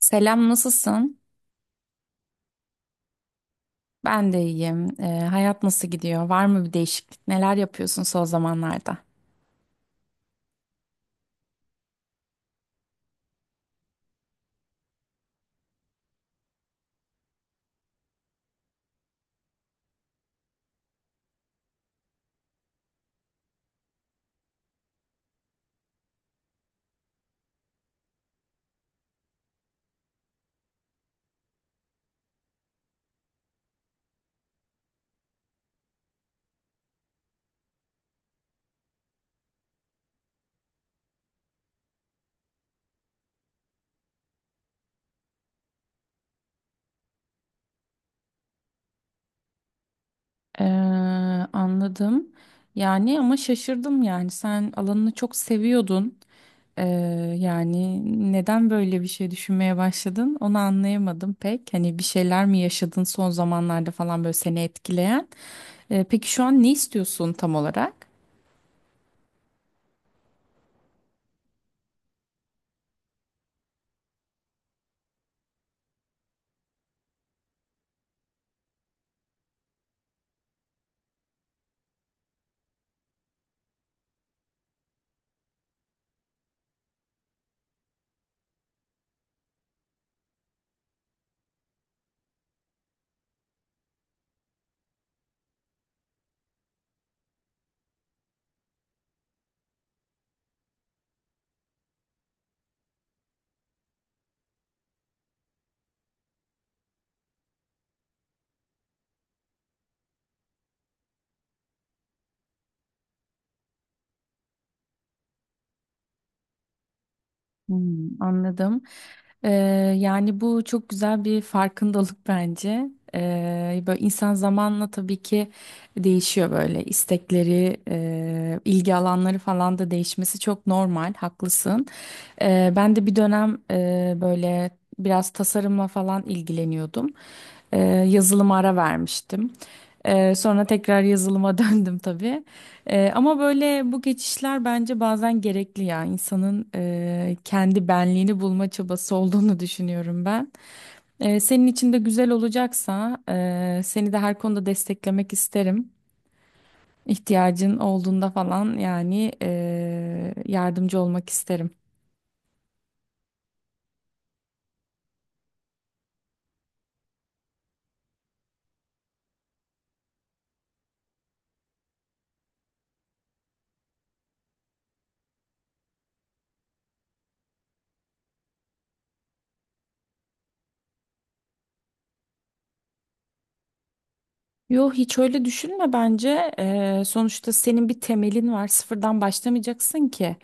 Selam, nasılsın? Ben de iyiyim. Hayat nasıl gidiyor? Var mı bir değişiklik? Neler yapıyorsun son zamanlarda? Ee, Anladım. Yani ama şaşırdım yani. Sen alanını çok seviyordun. Ee, Yani neden böyle bir şey düşünmeye başladın? Onu anlayamadım pek. Hani bir şeyler mi yaşadın son zamanlarda falan böyle seni etkileyen? Peki şu an ne istiyorsun tam olarak? Hmm, anladım. Ee, Yani bu çok güzel bir farkındalık bence. Böyle insan zamanla tabii ki değişiyor böyle istekleri, ilgi alanları falan da değişmesi çok normal, haklısın. Ben de bir dönem böyle biraz tasarımla falan ilgileniyordum. Ee, Yazılıma ara vermiştim. Sonra tekrar yazılıma döndüm tabii. Ama böyle bu geçişler bence bazen gerekli ya insanın kendi benliğini bulma çabası olduğunu düşünüyorum ben. Senin için de güzel olacaksa seni de her konuda desteklemek isterim. İhtiyacın olduğunda falan yani yardımcı olmak isterim. Yo hiç öyle düşünme bence. Sonuçta senin bir temelin var. Sıfırdan başlamayacaksın ki.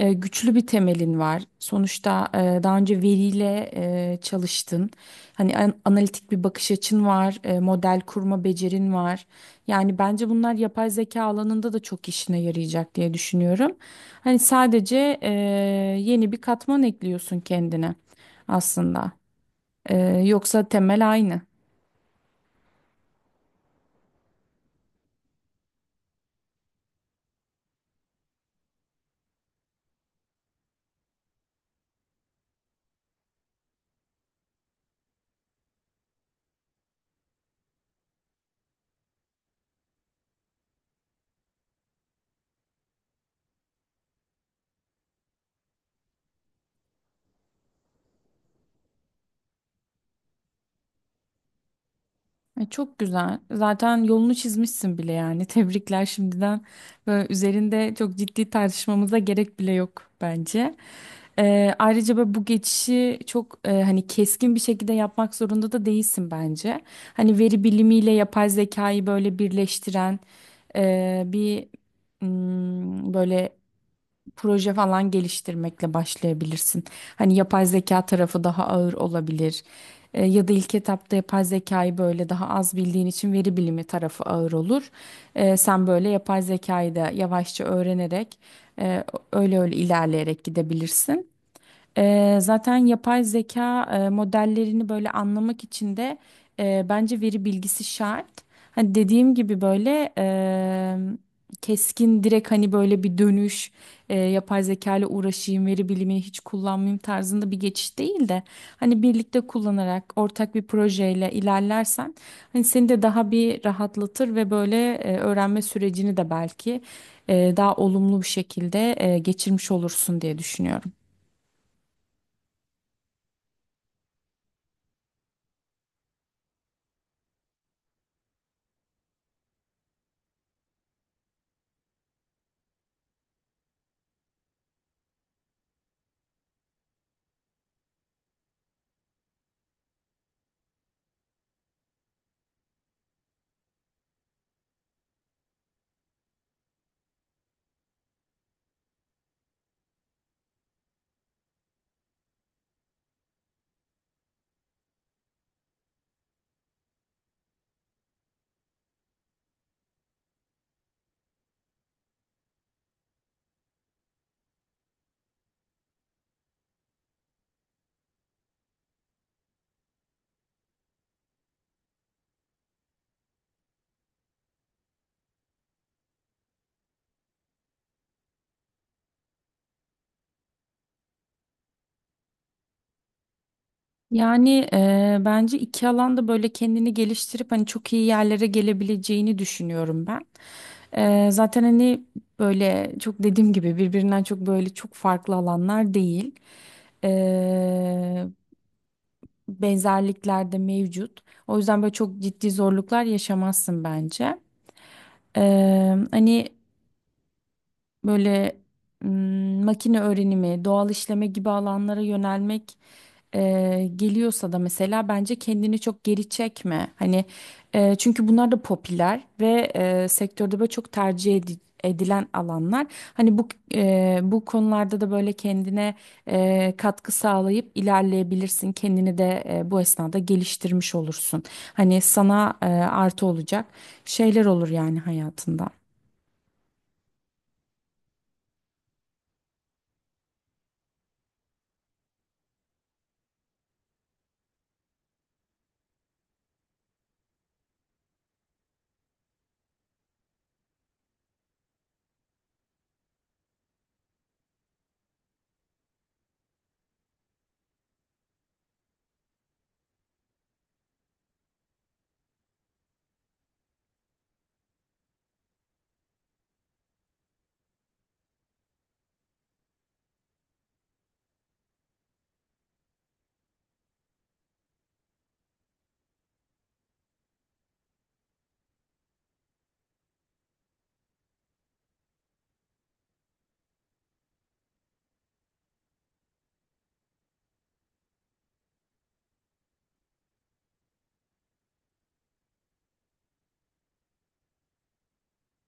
Güçlü bir temelin var. Sonuçta daha önce veriyle çalıştın. Hani analitik bir bakış açın var. Model kurma becerin var. Yani bence bunlar yapay zeka alanında da çok işine yarayacak diye düşünüyorum. Hani sadece yeni bir katman ekliyorsun kendine aslında. Yoksa temel aynı. Çok güzel. Zaten yolunu çizmişsin bile yani. Tebrikler şimdiden. Böyle üzerinde çok ciddi tartışmamıza gerek bile yok bence. Ayrıca böyle bu geçişi çok hani keskin bir şekilde yapmak zorunda da değilsin bence. Hani veri bilimiyle yapay zekayı böyle birleştiren bir böyle proje falan geliştirmekle başlayabilirsin. Hani yapay zeka tarafı daha ağır olabilir. Ya da ilk etapta yapay zekayı böyle daha az bildiğin için veri bilimi tarafı ağır olur. Sen böyle yapay zekayı da yavaşça öğrenerek e, öyle öyle ilerleyerek gidebilirsin. Zaten yapay zeka modellerini böyle anlamak için de bence veri bilgisi şart. Hani dediğim gibi böyle keskin direkt hani böyle bir dönüş yapay zeka ile uğraşayım veri bilimi hiç kullanmayayım tarzında bir geçiş değil de hani birlikte kullanarak ortak bir projeyle ilerlersen hani seni de daha bir rahatlatır ve böyle öğrenme sürecini de belki daha olumlu bir şekilde geçirmiş olursun diye düşünüyorum. Yani bence iki alanda böyle kendini geliştirip hani çok iyi yerlere gelebileceğini düşünüyorum ben. Zaten hani böyle çok dediğim gibi birbirinden çok böyle çok farklı alanlar değil. Eee, Benzerlikler de mevcut. O yüzden böyle çok ciddi zorluklar yaşamazsın bence. Hani böyle makine öğrenimi, doğal işleme gibi alanlara yönelmek geliyorsa da mesela bence kendini çok geri çekme. Hani çünkü bunlar da popüler ve sektörde böyle çok edilen alanlar. Hani bu bu konularda da böyle kendine katkı sağlayıp ilerleyebilirsin. Kendini de bu esnada geliştirmiş olursun. Hani sana artı olacak şeyler olur yani hayatında.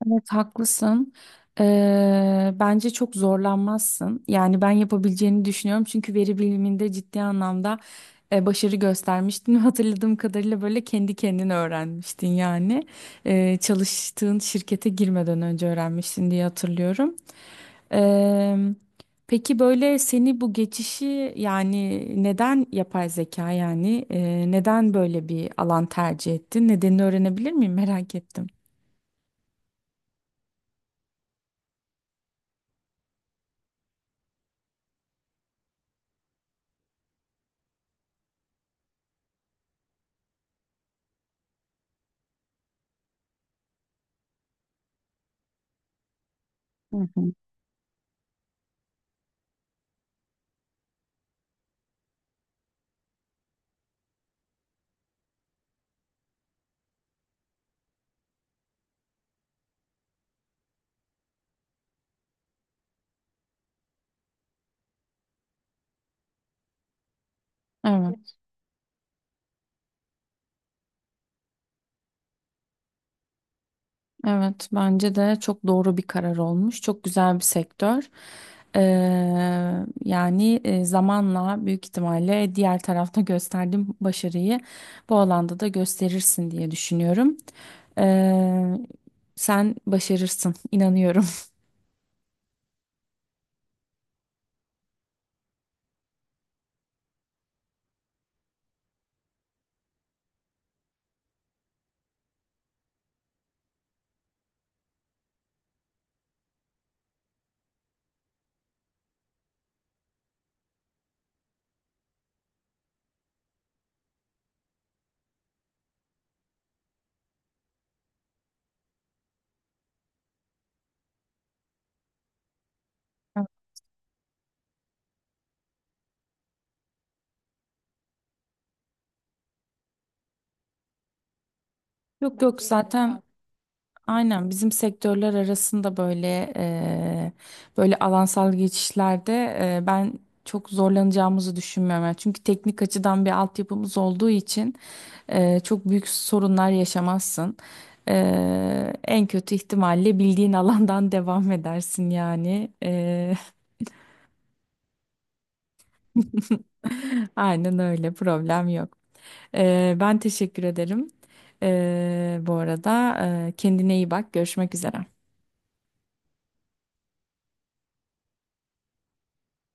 Evet haklısın. Bence çok zorlanmazsın. Yani ben yapabileceğini düşünüyorum. Çünkü veri biliminde ciddi anlamda başarı göstermiştin. Hatırladığım kadarıyla böyle kendi kendine öğrenmiştin yani. Çalıştığın şirkete girmeden önce öğrenmiştin diye hatırlıyorum. Ee, peki böyle seni bu geçişi yani neden yapay zeka yani neden böyle bir alan tercih ettin? Nedenini öğrenebilir miyim? Merak ettim. Hı hı. Evet, evet bence de çok doğru bir karar olmuş. Çok güzel bir sektör. Ee, Yani zamanla büyük ihtimalle diğer tarafta gösterdiğim başarıyı bu alanda da gösterirsin diye düşünüyorum. Ee, Sen başarırsın, inanıyorum. Yok yok zaten aynen bizim sektörler arasında böyle eee, böyle alansal geçişlerde ben çok zorlanacağımızı düşünmüyorum. Yani çünkü teknik açıdan bir altyapımız olduğu için çok büyük sorunlar yaşamazsın. En kötü ihtimalle bildiğin alandan devam edersin yani. Aynen öyle, problem yok. Ben teşekkür ederim. Bu arada kendine iyi bak, görüşmek üzere.